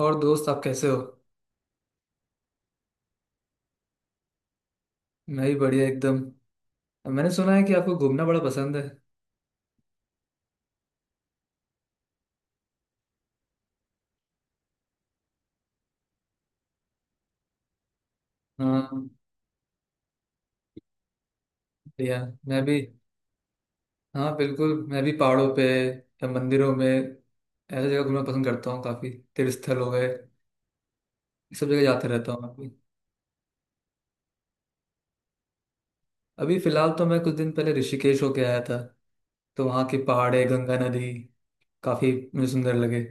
और दोस्त, आप कैसे हो? मैं भी बढ़िया एकदम। मैंने सुना है कि आपको घूमना बड़ा पसंद है। हाँ। बढ़िया। मैं भी। हाँ बिल्कुल, मैं भी पहाड़ों पे या मंदिरों में ऐसी जगह घूमना पसंद करता हूँ काफ़ी। तीर्थ स्थल हो गए ये, सब जगह जाते रहता हूँ मैं भी। अभी फिलहाल तो मैं कुछ दिन पहले ऋषिकेश होके आया था, तो वहाँ की पहाड़े, गंगा नदी काफ़ी मुझे सुंदर लगे।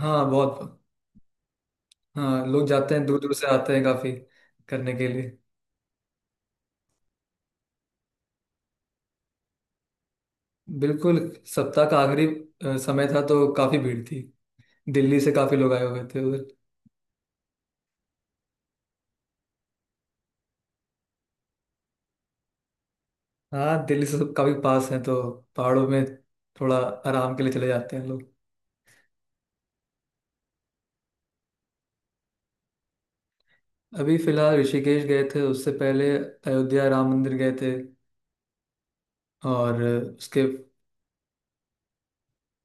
हाँ बहुत। हाँ, लोग जाते हैं, दूर दूर से आते हैं काफ़ी करने के लिए। बिल्कुल। सप्ताह का आखिरी समय था तो काफ़ी भीड़ थी। दिल्ली से काफी लोग आए हुए थे उधर। हाँ, दिल्ली से सब काफी पास है तो पहाड़ों में थोड़ा आराम के लिए चले जाते हैं लोग। अभी फिलहाल ऋषिकेश गए थे, उससे पहले अयोध्या राम मंदिर गए थे, और उसके।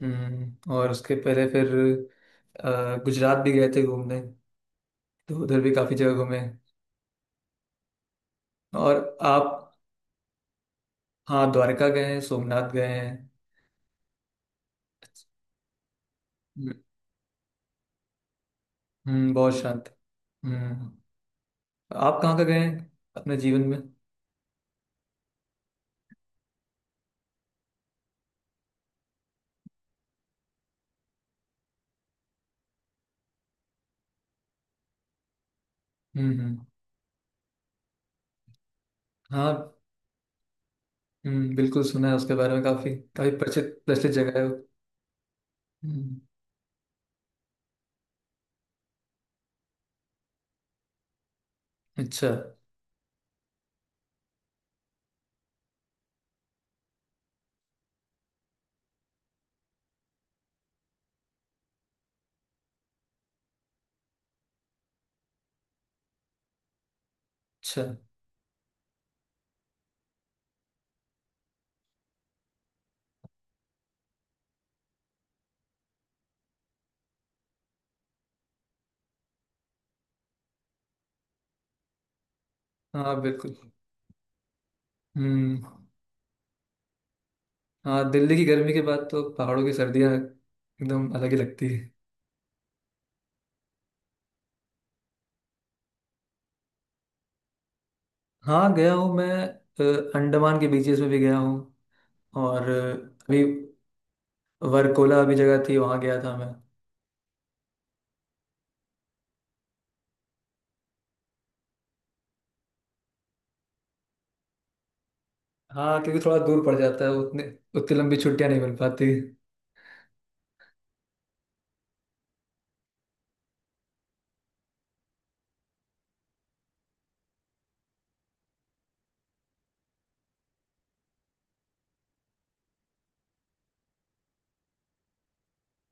और उसके पहले फिर गुजरात भी गए थे घूमने, तो उधर भी काफी जगह घूमे। और आप। हाँ, द्वारका गए हैं, सोमनाथ गए हैं। हम्म। बहुत शांत। हम्म। आप कहाँ का गए हैं अपने जीवन में? हम्म। हाँ। बिल्कुल, सुना है उसके बारे में, काफी काफी प्रचलित प्रचलित जगह है वो। हम्म, अच्छा। अच्छा। हाँ बिल्कुल। हम्म। हाँ, दिल्ली की गर्मी के बाद तो पहाड़ों की सर्दियाँ एकदम अलग ही लगती है। हाँ, गया हूँ मैं। अंडमान के बीचेस में भी गया हूँ। और अभी वरकोला अभी जगह थी, वहाँ गया था मैं। हाँ क्योंकि थोड़ा दूर पड़ जाता है, उतने, उतनी लंबी छुट्टियाँ नहीं मिल पाती।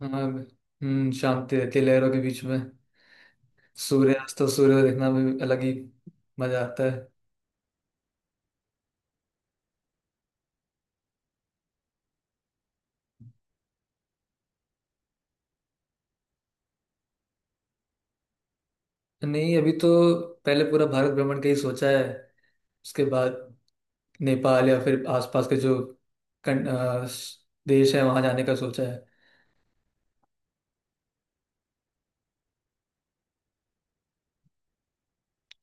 हाँ। हम्म, शांति रहती है लहरों के बीच में। सूर्यास्त और सूर्य देखना भी अलग ही मजा आता है। नहीं, अभी तो पहले पूरा भारत भ्रमण का ही सोचा है। उसके बाद नेपाल या फिर आसपास के जो कन, अ, स- देश है वहां जाने का सोचा है।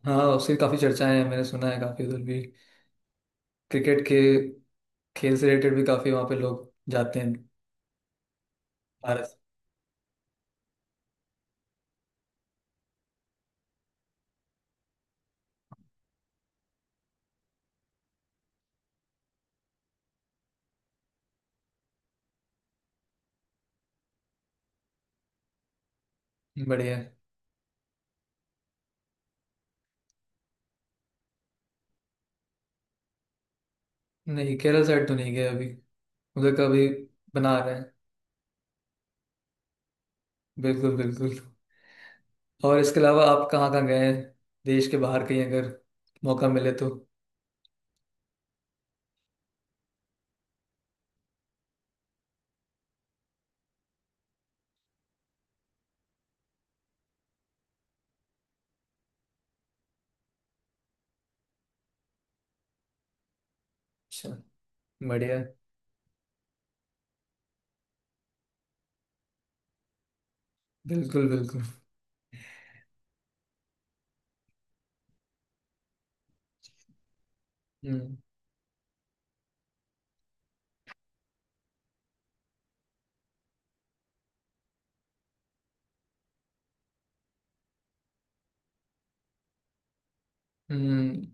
हाँ, उसकी काफी चर्चाएं हैं, मैंने सुना है। काफी उधर भी क्रिकेट के खेल से रिलेटेड भी काफी वहां पे लोग जाते हैं। भारत से। बढ़िया है। नहीं, केरल साइड तो नहीं गए अभी। उधर का भी बना रहे हैं। बिल्कुल बिल्कुल। और इसके अलावा आप कहाँ कहाँ गए हैं देश के बाहर? कहीं अगर मौका मिले तो। अच्छा। बढ़िया है। बिल्कुल बिल्कुल। हम्म। हम्म।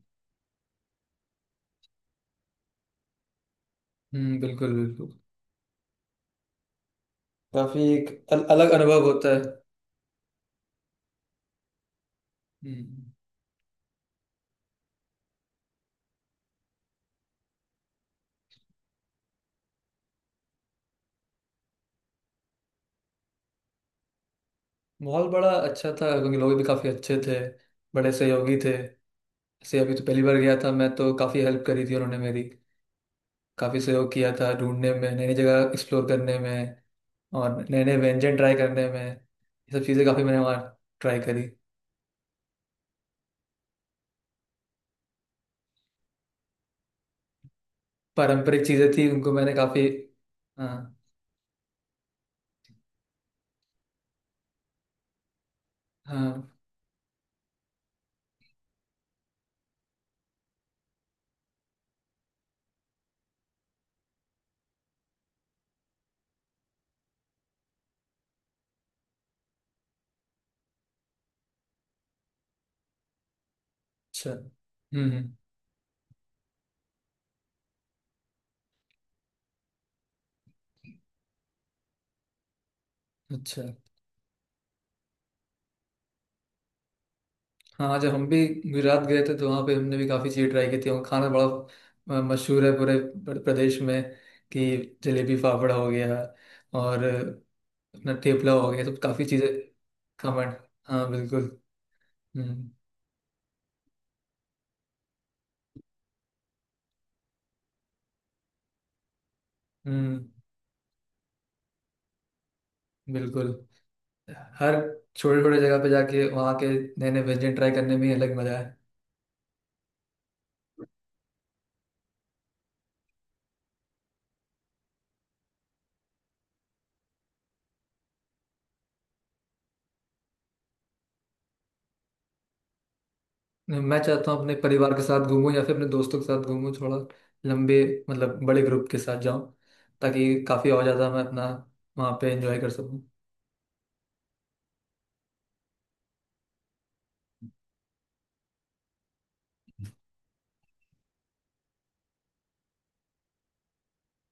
बिल्कुल बिल्कुल, काफी एक अलग अनुभव होता है। हम्म। माहौल बड़ा अच्छा था, क्योंकि लोग भी काफी अच्छे थे, बड़े सहयोगी थे। ऐसे अभी तो पहली बार गया था मैं, तो काफी हेल्प करी थी उन्होंने मेरी, काफी सहयोग किया था ढूंढने में, नई नई जगह एक्सप्लोर करने में और नए नए व्यंजन ट्राई करने में। ये सब चीजें काफी मैंने वहाँ ट्राई करी। पारंपरिक चीजें थी, उनको मैंने काफी। हाँ। हाँ। अच्छा। अच्छा। हाँ, जब हम भी गुजरात गए थे तो वहाँ पे हमने भी काफ़ी चीज़ें ट्राई की थी, और खाना बड़ा मशहूर है पूरे प्रदेश में, कि जलेबी फाफड़ा हो गया, और अपना ठेपला हो गया, तो काफ़ी चीज़ें। खमण। हाँ बिल्कुल। हम्म हम्म। बिल्कुल। हर छोटे छोटे जगह पे जाके वहाँ के नए नए व्यंजन ट्राई करने में ही अलग मज़ा है। मैं चाहता हूँ अपने परिवार के साथ घूमूं या फिर अपने दोस्तों के साथ घूमूं। थोड़ा लंबे, मतलब बड़े ग्रुप के साथ जाऊं, ताकि काफ़ी और ज़्यादा मैं अपना वहाँ पे एंजॉय कर सकूं।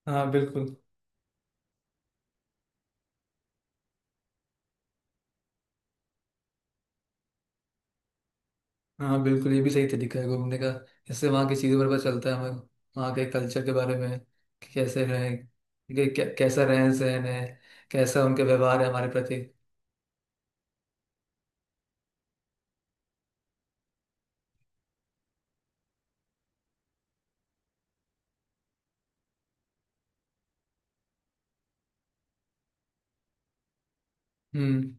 हाँ बिल्कुल। हाँ बिल्कुल, ये भी सही तरीका है घूमने का। इससे वहाँ की चीज़ों पर पता चलता है हमें, वहाँ के कल्चर के बारे में, कि कैसे रहें, कि कैसा रहन सहन है, कैसा उनका व्यवहार है हमारे प्रति। हम्म।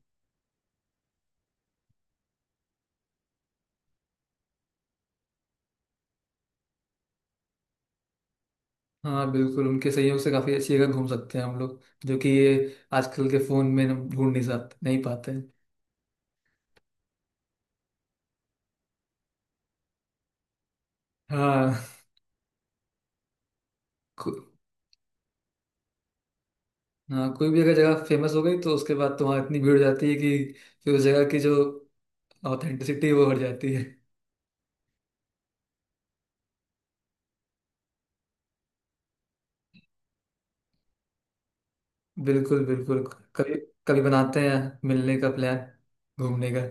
हाँ बिल्कुल, उनके सहयोग से काफ़ी अच्छी जगह घूम सकते हैं हम लोग, जो कि ये आजकल के फ़ोन में हम ढूंढ नहीं सकते, नहीं पाते हैं। हाँ। हाँ, कोई भी अगर जगह फेमस हो गई तो उसके बाद तो वहाँ इतनी भीड़ हो जाती है कि फिर उस जगह की जो ऑथेंटिसिटी है वो हट जाती है। बिल्कुल बिल्कुल। कभी, कभी बनाते हैं मिलने का प्लान, घूमने का।